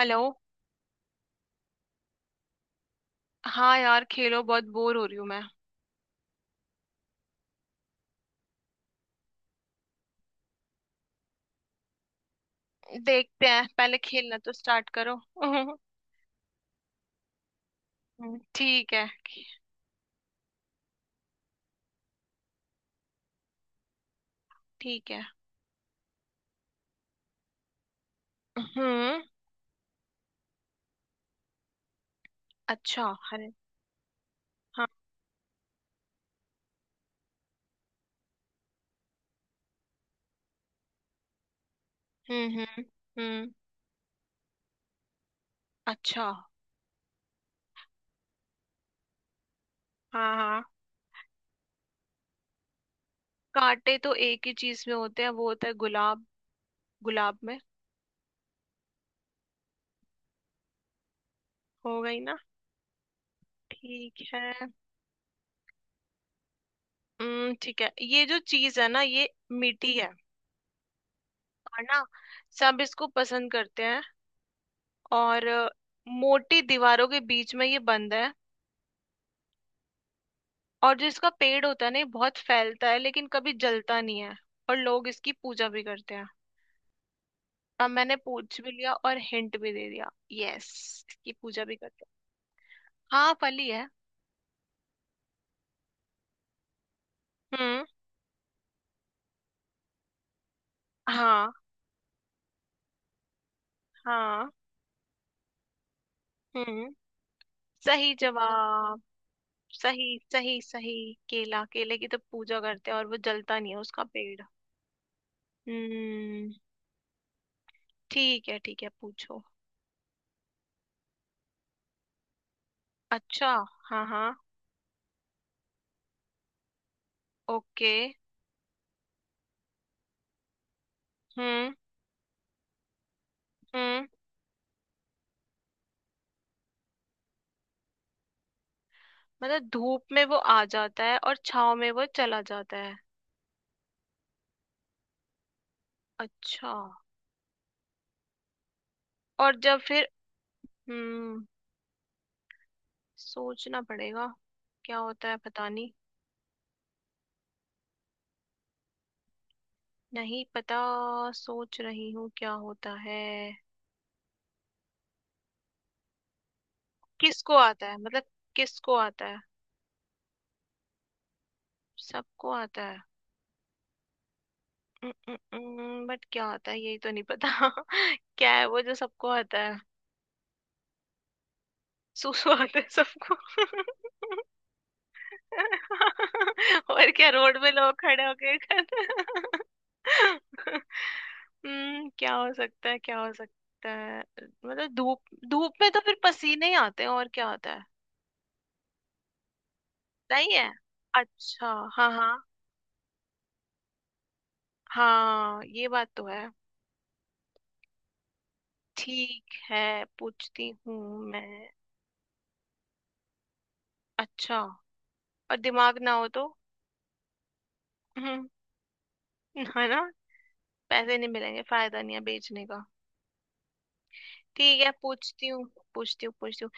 Hello. हाँ यार, खेलो, बहुत बोर हो रही हूँ मैं। देखते हैं, पहले खेलना तो स्टार्ट करो। हम्म। ठीक है। ठीक है। हम्म। अच्छा। अरे। हाँ। हम्म। हम्म। हम्म। अच्छा। हाँ हाँ, कांटे तो एक ही चीज में होते हैं, वो होता है गुलाब। गुलाब में। हो गई ना। ठीक है। हम्म। ठीक है, ये जो चीज है ना ये मीठी है, और ना सब इसको पसंद करते हैं, और मोटी दीवारों के बीच में ये बंद है, और जिसका पेड़ होता है ना ये बहुत फैलता है लेकिन कभी जलता नहीं है, और लोग इसकी पूजा भी करते हैं। अब मैंने पूछ भी लिया और हिंट भी दे दिया। यस। इसकी पूजा भी करते हैं। हाँ, फली है। हम्म। हाँ हाँ। हम्म। सही जवाब। सही सही सही, केला, केले की तो पूजा करते हैं और वो जलता नहीं है उसका पेड़। हम्म। ठीक है। ठीक है, पूछो। अच्छा। हाँ हाँ। ओके। हम्म। हम्म। मतलब धूप में वो आ जाता है और छाव में वो चला जाता है। अच्छा। और जब फिर। हम्म। सोचना पड़ेगा, क्या होता है पता नहीं। नहीं पता। सोच रही हूँ, क्या होता है। किसको आता है मतलब? किसको आता है? सबको आता है? बट क्या आता है यही तो नहीं पता। क्या है वो जो सबको आता है? सूसू आता है सबको। और क्या, रोड पे लोग खड़े होके कर-। क्या हो सकता है, क्या हो सकता है? मतलब धूप, धूप में तो फिर पसीने ही आते हैं, और क्या होता है? सही है। अच्छा। हाँ हाँ। हाँ ये बात तो है। ठीक है, पूछती हूँ मैं। अच्छा। और दिमाग ना हो तो? हम्म, है ना? पैसे नहीं मिलेंगे, फायदा नहीं है बेचने का। ठीक है, पूछती हूँ पूछती हूँ पूछती हूँ।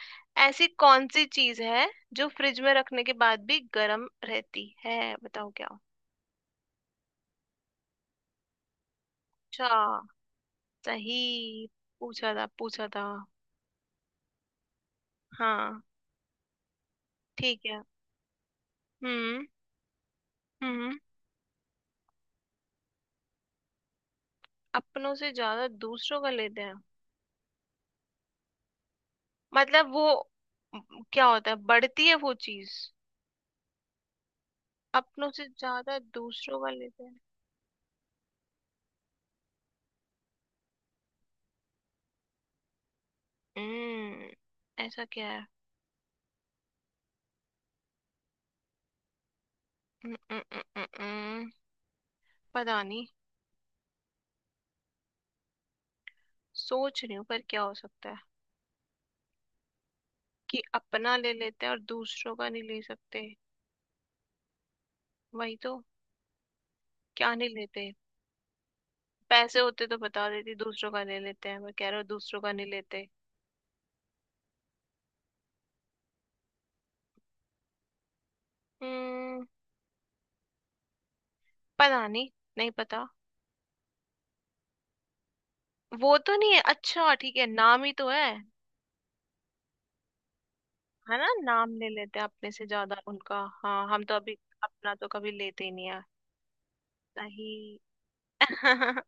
ऐसी कौन सी चीज है जो फ्रिज में रखने के बाद भी गर्म रहती है, बताओ क्या? अच्छा। सही। पूछा था पूछा था। हाँ। ठीक है। हम्म। हम्म। अपनों से ज्यादा दूसरों का लेते हैं? मतलब वो क्या होता है, बढ़ती है वो चीज? अपनों से ज्यादा दूसरों का लेते हैं। हम्म ऐसा क्या है? हम्म, हम्म, हम्म, हम्म, हम्म, पता नहीं। सोच रही हूँ पर क्या हो सकता है, कि अपना ले लेते हैं और दूसरों का नहीं ले सकते? वही तो। क्या नहीं लेते? पैसे होते तो बता देती, दूसरों का ले लेते हैं, मैं कह रहा हूँ दूसरों का नहीं लेते। हम्म। पता नहीं। नहीं पता। वो तो नहीं है, अच्छा ठीक है, नाम ही तो है। है ना, नाम ले लेते हैं अपने से ज्यादा उनका, हाँ, हम तो अभी अपना तो कभी लेते ही नहीं है। सही।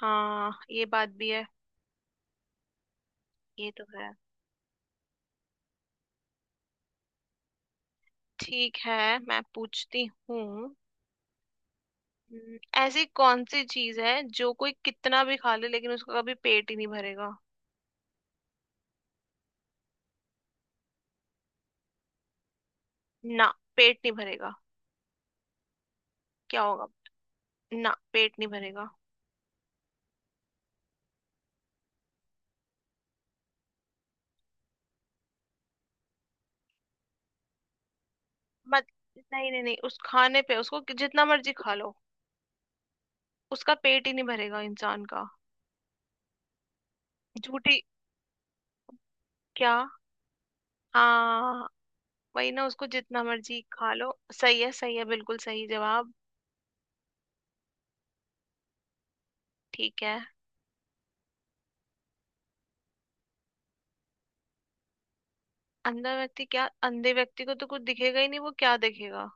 हाँ ये बात भी है। ये तो है। ठीक है, मैं पूछती हूँ। ऐसी कौन सी चीज है जो कोई कितना भी खा ले लेकिन उसका कभी पेट ही नहीं भरेगा? ना, पेट नहीं भरेगा। क्या होगा? ना पेट नहीं भरेगा। मत। नहीं नहीं नहीं, उस खाने पे उसको कि- जितना मर्जी खा लो उसका पेट ही नहीं भरेगा इंसान का। झूठी। क्या? हाँ। वही ना, उसको जितना मर्जी खा लो, सही है सही है, बिल्कुल सही जवाब। ठीक है। अंधा व्यक्ति क्या, अंधे व्यक्ति को तो कुछ दिखेगा ही नहीं, वो क्या देखेगा?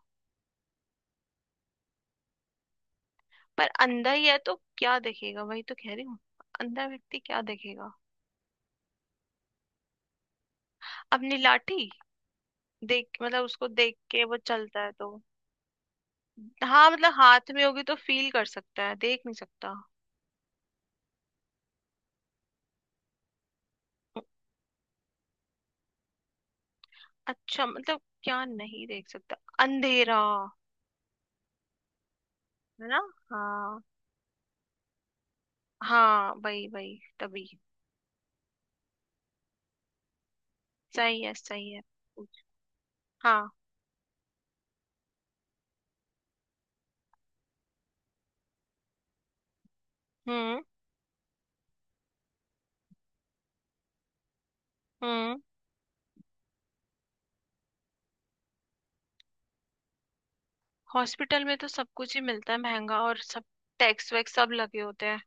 पर अंधा ही है तो क्या देखेगा, वही तो कह रही हूँ। अंधा व्यक्ति क्या देखेगा? अपनी लाठी, देख मतलब उसको देख के वो चलता है तो। हाँ मतलब हाथ में होगी तो फील कर सकता है, देख नहीं सकता। अच्छा, मतलब क्या नहीं देख सकता? अंधेरा। है ना। हाँ हाँ वही वही तभी। सही है सही है। हाँ। हम्म। हम्म। हॉस्पिटल में तो सब कुछ ही मिलता है, महंगा और सब, टैक्स वैक्स सब लगे होते हैं।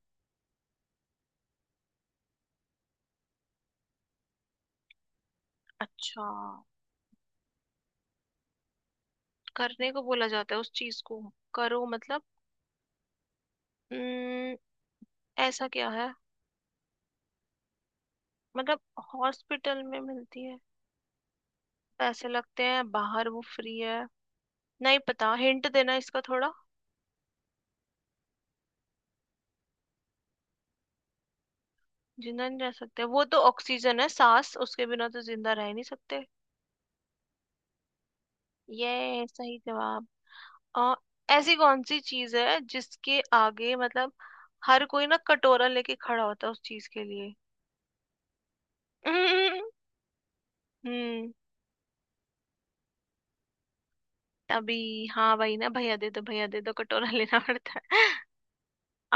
अच्छा। करने को बोला जाता है उस चीज को, करो मतलब। हम्म। ऐसा क्या है? मतलब हॉस्पिटल में मिलती है, पैसे लगते हैं, बाहर वो फ्री है। नहीं पता, हिंट देना इसका थोड़ा। जिंदा नहीं रह सकते, वो तो ऑक्सीजन है, सांस, उसके बिना तो जिंदा रह नहीं सकते। ये सही जवाब। आ, ऐसी कौन सी चीज है जिसके आगे मतलब हर कोई ना कटोरा लेके खड़ा होता है उस चीज के लिए? हम्म। तभी, हाँ भाई, ना भैया दे दो, भैया दे दो, कटोरा लेना पड़ता है।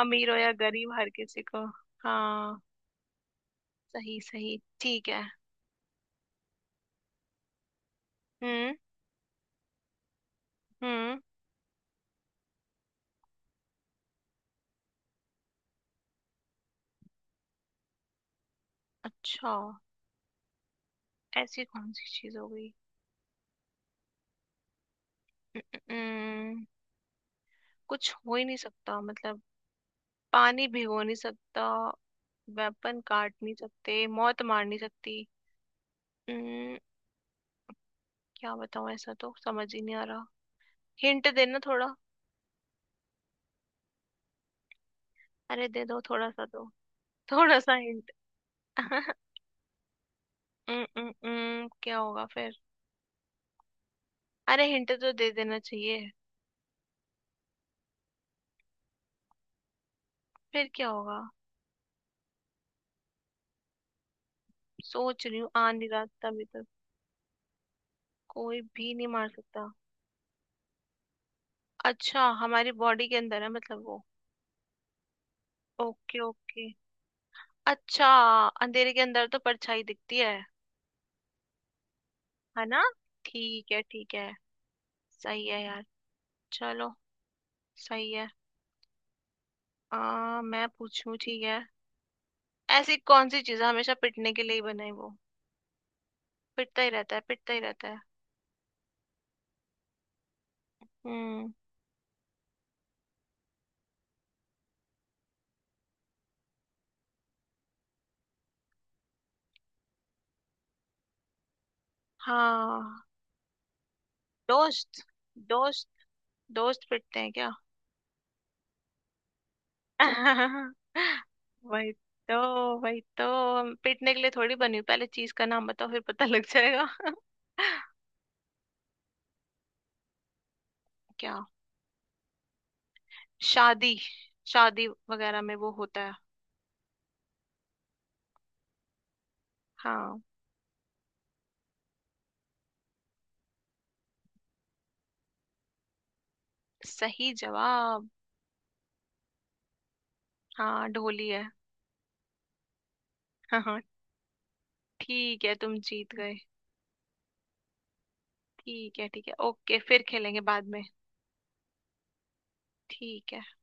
अमीर हो या गरीब, हर किसी को। हाँ। सही सही ठीक है। हम्म। हम्म। अच्छा। ऐसी कौन सी चीज हो गई? हम्म, कुछ हो ही नहीं सकता मतलब। पानी भिगो नहीं सकता, वेपन काट नहीं सकते, मौत मार नहीं सकती। हम्म, क्या बताऊं, ऐसा तो समझ ही नहीं आ रहा। हिंट देना थोड़ा। अरे दे दो, थोड़ा सा दो। थोड़ा सा हिंट। क्या होगा फिर? अरे हिंट तो दे देना चाहिए, फिर क्या होगा? सोच रही हूँ, आ नहीं रहा तभी तक। कोई भी नहीं मार सकता? अच्छा, हमारी बॉडी के अंदर है मतलब वो? Okay okay. अच्छा, अंधेरे के अंदर तो परछाई दिखती है। है ना। ठीक है ठीक है। सही है यार। चलो। सही है। मैं पूछूं, ठीक है? ऐसी कौन सी चीज हमेशा पिटने के लिए ही बनाई, वो पिटता ही रहता है, पिटता ही रहता है? हम्म। हाँ। दोस्त। दोस्त। दोस्त पिटते हैं क्या? वही तो, वही तो, हम पिटने के लिए थोड़ी बनी हूं। पहले चीज का नाम बताओ फिर पता लग जाएगा। क्या? शादी, शादी वगैरह में वो होता है। हाँ। सही जवाब। हाँ, ढोली है। हाँ हाँ। ठीक है तुम जीत गए। ठीक है ठीक है, ओके, फिर खेलेंगे बाद में। ठीक है।